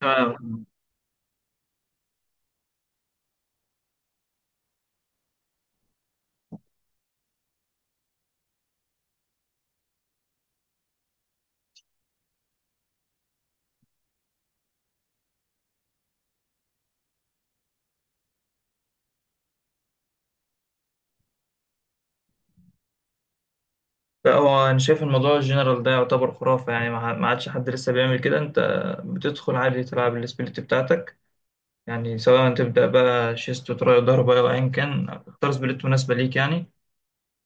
فعلا. لا، هو انا شايف الموضوع الجنرال ده يعتبر خرافه يعني ما عادش حد لسه بيعمل كده. انت بتدخل عادي تلعب السبليت بتاعتك يعني، سواء تبدا بقى شيست وتراي ظهر بقى وايا كان تختار سبليت مناسبه ليك يعني،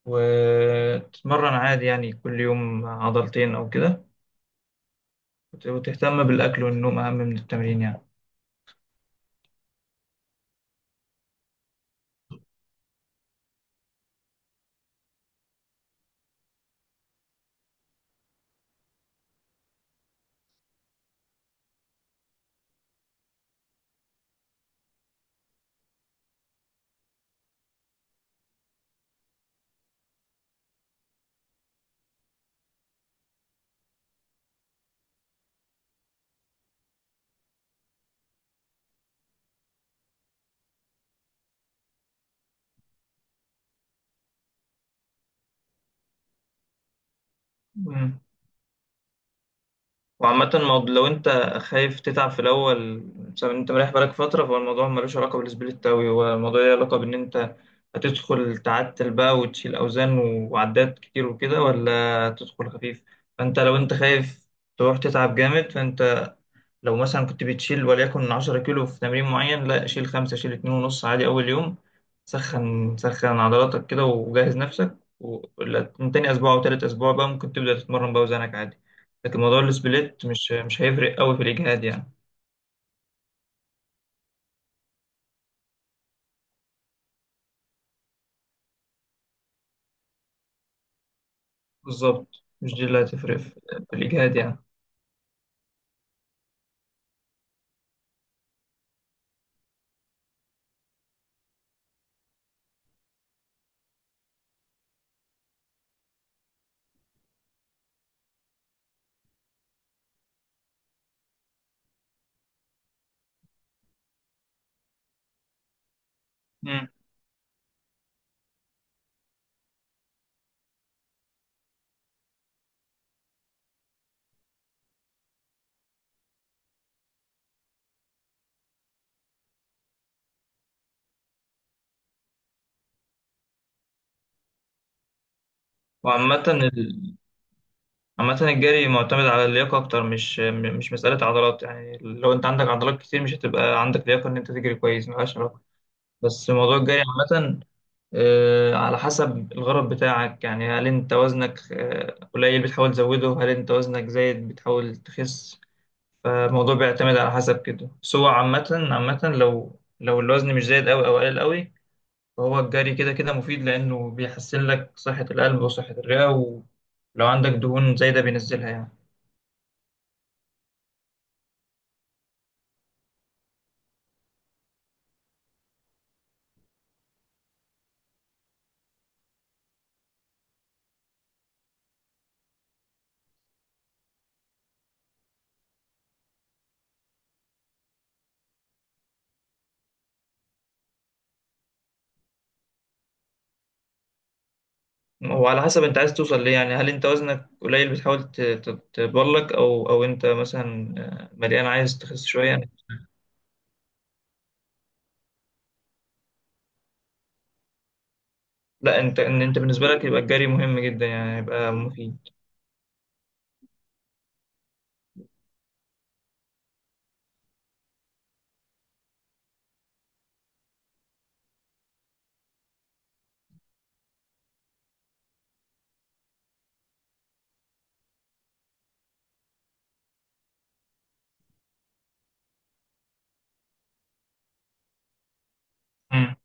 وتتمرن عادي يعني كل يوم عضلتين او كده، وتهتم بالاكل والنوم اهم من التمرين يعني. مم. وعامة لو انت خايف تتعب في الأول بسبب ان انت مريح بالك فترة، فهو الموضوع ملوش علاقة بالسبليت أوي، هو الموضوع ليه علاقة بإن انت هتدخل تعتل بقى وتشيل أوزان وعدات كتير وكده، ولا تدخل خفيف. فانت لو انت خايف تروح تتعب جامد، فانت لو مثلا كنت بتشيل وليكن 10 كيلو في تمرين معين، لا شيل 5، شيل 2 ونص عادي أول يوم. سخن سخن عضلاتك كده وجهز نفسك ولا من تاني أسبوع أو تالت أسبوع بقى ممكن تبدأ تتمرن بقى وزنك عادي. لكن موضوع السبليت مش هيفرق أوي في الإجهاد يعني. بالظبط، مش دي اللي هتفرق في في الإجهاد يعني. مم. وعامة ال... عامة الجري معتمد على اللياقة أكتر، مش مسألة عضلات يعني. لو أنت عندك عضلات كتير مش هتبقى عندك لياقة إن أنت تجري كويس، ملهاش علاقة. بس موضوع الجري عامة، على حسب الغرض بتاعك يعني، هل انت وزنك قليل بتحاول تزوده، هل انت وزنك زايد بتحاول تخس. فالموضوع بيعتمد على حسب كده. بس هو عامة لو الوزن مش زايد أوي أو قليل أوي، فهو الجري كده كده مفيد، لأنه بيحسن لك صحة القلب وصحة الرئة، ولو عندك دهون زايدة بينزلها يعني. وعلى حسب انت عايز توصل ليه يعني، هل انت وزنك قليل بتحاول تتبلك، او او انت مثلا مليان عايز تخس شوية. لا، انت، ان انت بالنسبه لك يبقى الجري مهم جدا يعني، يبقى مفيد. امم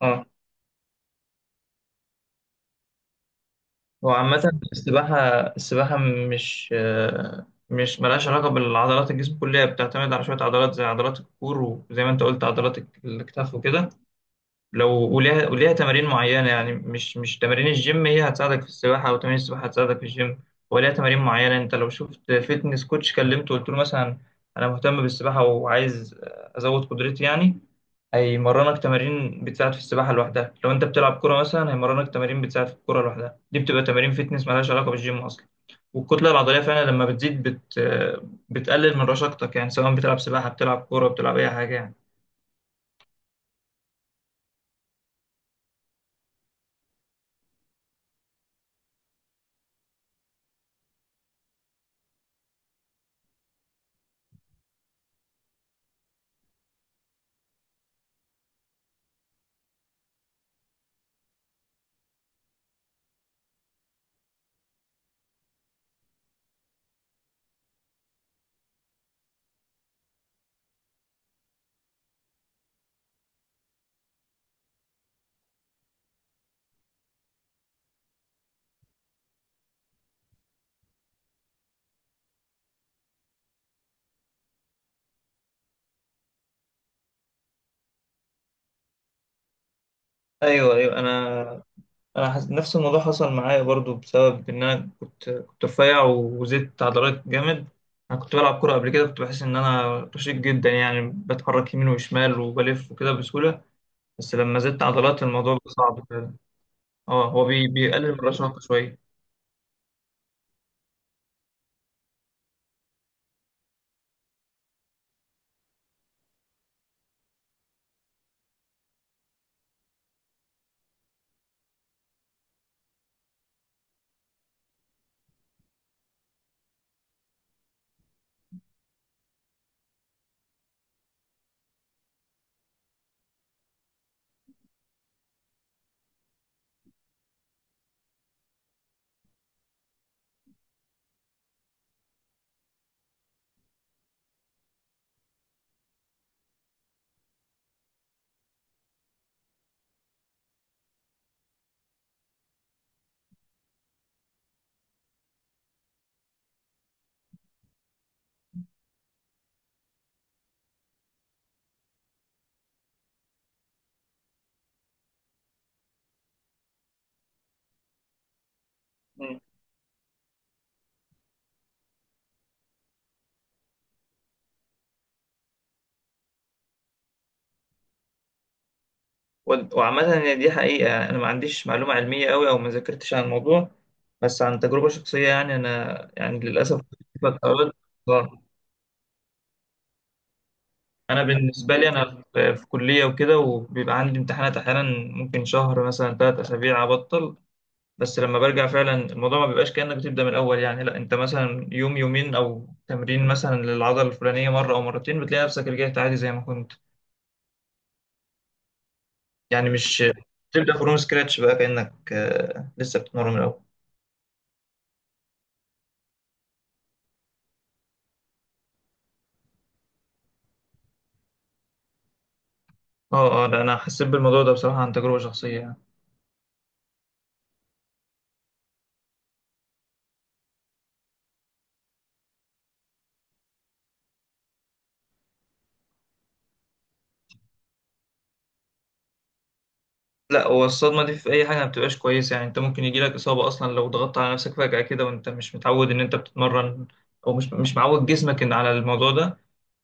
اه هو عامه السباحه السباحه مش، ملهاش علاقه بالعضلات، الجسم كلها بتعتمد على شويه عضلات زي عضلات الكور، وزي ما انت قلت عضلات الكتاف وكده. لو، وليها تمارين معينه يعني. مش تمارين الجيم هي هتساعدك في السباحه، او تمارين السباحه هتساعدك في الجيم، وليها تمارين معينه. انت لو شفت فيتنس كوتش كلمته وقلت له مثلا انا مهتم بالسباحه وعايز ازود قدرتي يعني، هيمرنك تمارين بتساعد في السباحة لوحدها. لو انت بتلعب كورة مثلا هيمرنك تمارين بتساعد في الكورة لوحدها. دي بتبقى تمارين فيتنس مالهاش علاقة بالجيم أصلا. والكتلة العضلية فعلا لما بتزيد بتقلل من رشاقتك يعني، سواء بتلعب سباحة، بتلعب كورة، بتلعب أي حاجة يعني. أيوه، أيوه، أنا نفس الموضوع حصل معايا برضو، بسبب إن أنا كنت رفيع وزدت عضلات جامد. أنا كنت بلعب كورة قبل كده، كنت بحس إن أنا رشيق جدا يعني، بتحرك يمين وشمال وبلف وكده بسهولة، بس لما زدت عضلات الموضوع بقى صعب. اه، هو بيقلل من الرشاقة شوية. مم. وعامة هي دي حقيقة، أنا ما عنديش معلومة علمية أوي أو ما ذاكرتش عن الموضوع، بس عن تجربة شخصية يعني. أنا يعني للأسف كنت آه. أنا بالنسبة لي أنا في كلية وكده، وبيبقى عندي امتحانات أحيانا، ممكن شهر مثلا، 3 أسابيع أبطل. بس لما برجع فعلا الموضوع ما بيبقاش كأنك بتبدأ من الأول يعني، لا أنت مثلا يوم يومين أو تمرين مثلا للعضلة الفلانية مرة أو مرتين بتلاقي نفسك رجعت عادي زي ما كنت. يعني مش تبدأ فروم سكراتش بقى كأنك لسه بتتمرن من الأول. اه، اه، لا أنا حسيت بالموضوع ده بصراحة عن تجربة شخصية يعني. لا، هو الصدمة دي في أي حاجة ما بتبقاش كويسة يعني. أنت ممكن يجيلك إصابة أصلا لو ضغطت على نفسك فجأة كده وأنت مش متعود إن أنت بتتمرن، أو مش معود جسمك إن على الموضوع ده.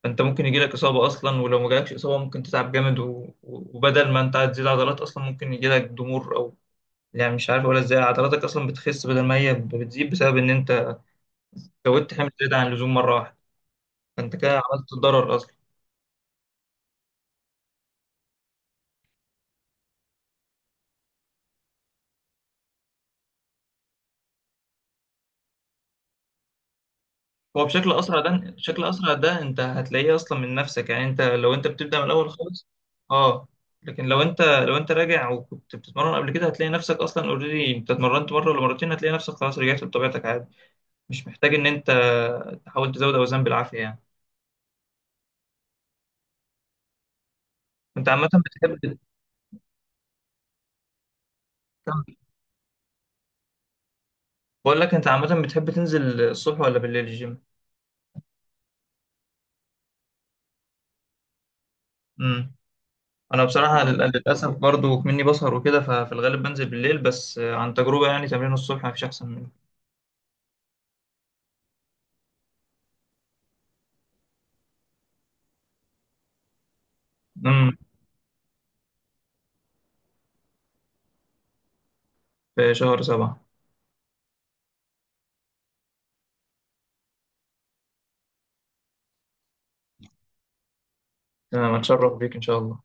فأنت ممكن يجيلك إصابة أصلا، ولو ما جالكش إصابة ممكن تتعب جامد وبدل ما أنت هتزيد عضلات أصلا ممكن يجيلك ضمور، أو يعني مش عارف أقول إزاي، عضلاتك أصلا بتخس بدل ما هي بتزيد، بسبب إن أنت زودت حمل زيادة عن اللزوم مرة واحدة. فانت كده عملت ضرر اصلا. هو بشكل اسرع ده، بشكل اسرع ده انت هتلاقيه اصلا من نفسك يعني. انت لو انت بتبدا من الاول خالص، اه. لكن لو انت راجع وكنت بتتمرن قبل كده، هتلاقي نفسك اصلا اوريدي، انت اتمرنت مره ولا مرتين هتلاقي نفسك خلاص رجعت لطبيعتك عادي، مش محتاج ان انت تحاول تزود اوزان بالعافيه يعني. انت عامه بتحب تكمل؟ بقول لك انت عامه بتحب تنزل الصبح ولا بالليل الجيم؟ امم انا بصراحه للاسف برضو مني بسهر وكده، ففي الغالب بنزل بالليل، بس عن تجربه يعني تمرين الصبح مفيش احسن منه. في شهر 7. أنا متشرف بيك إن شاء الله.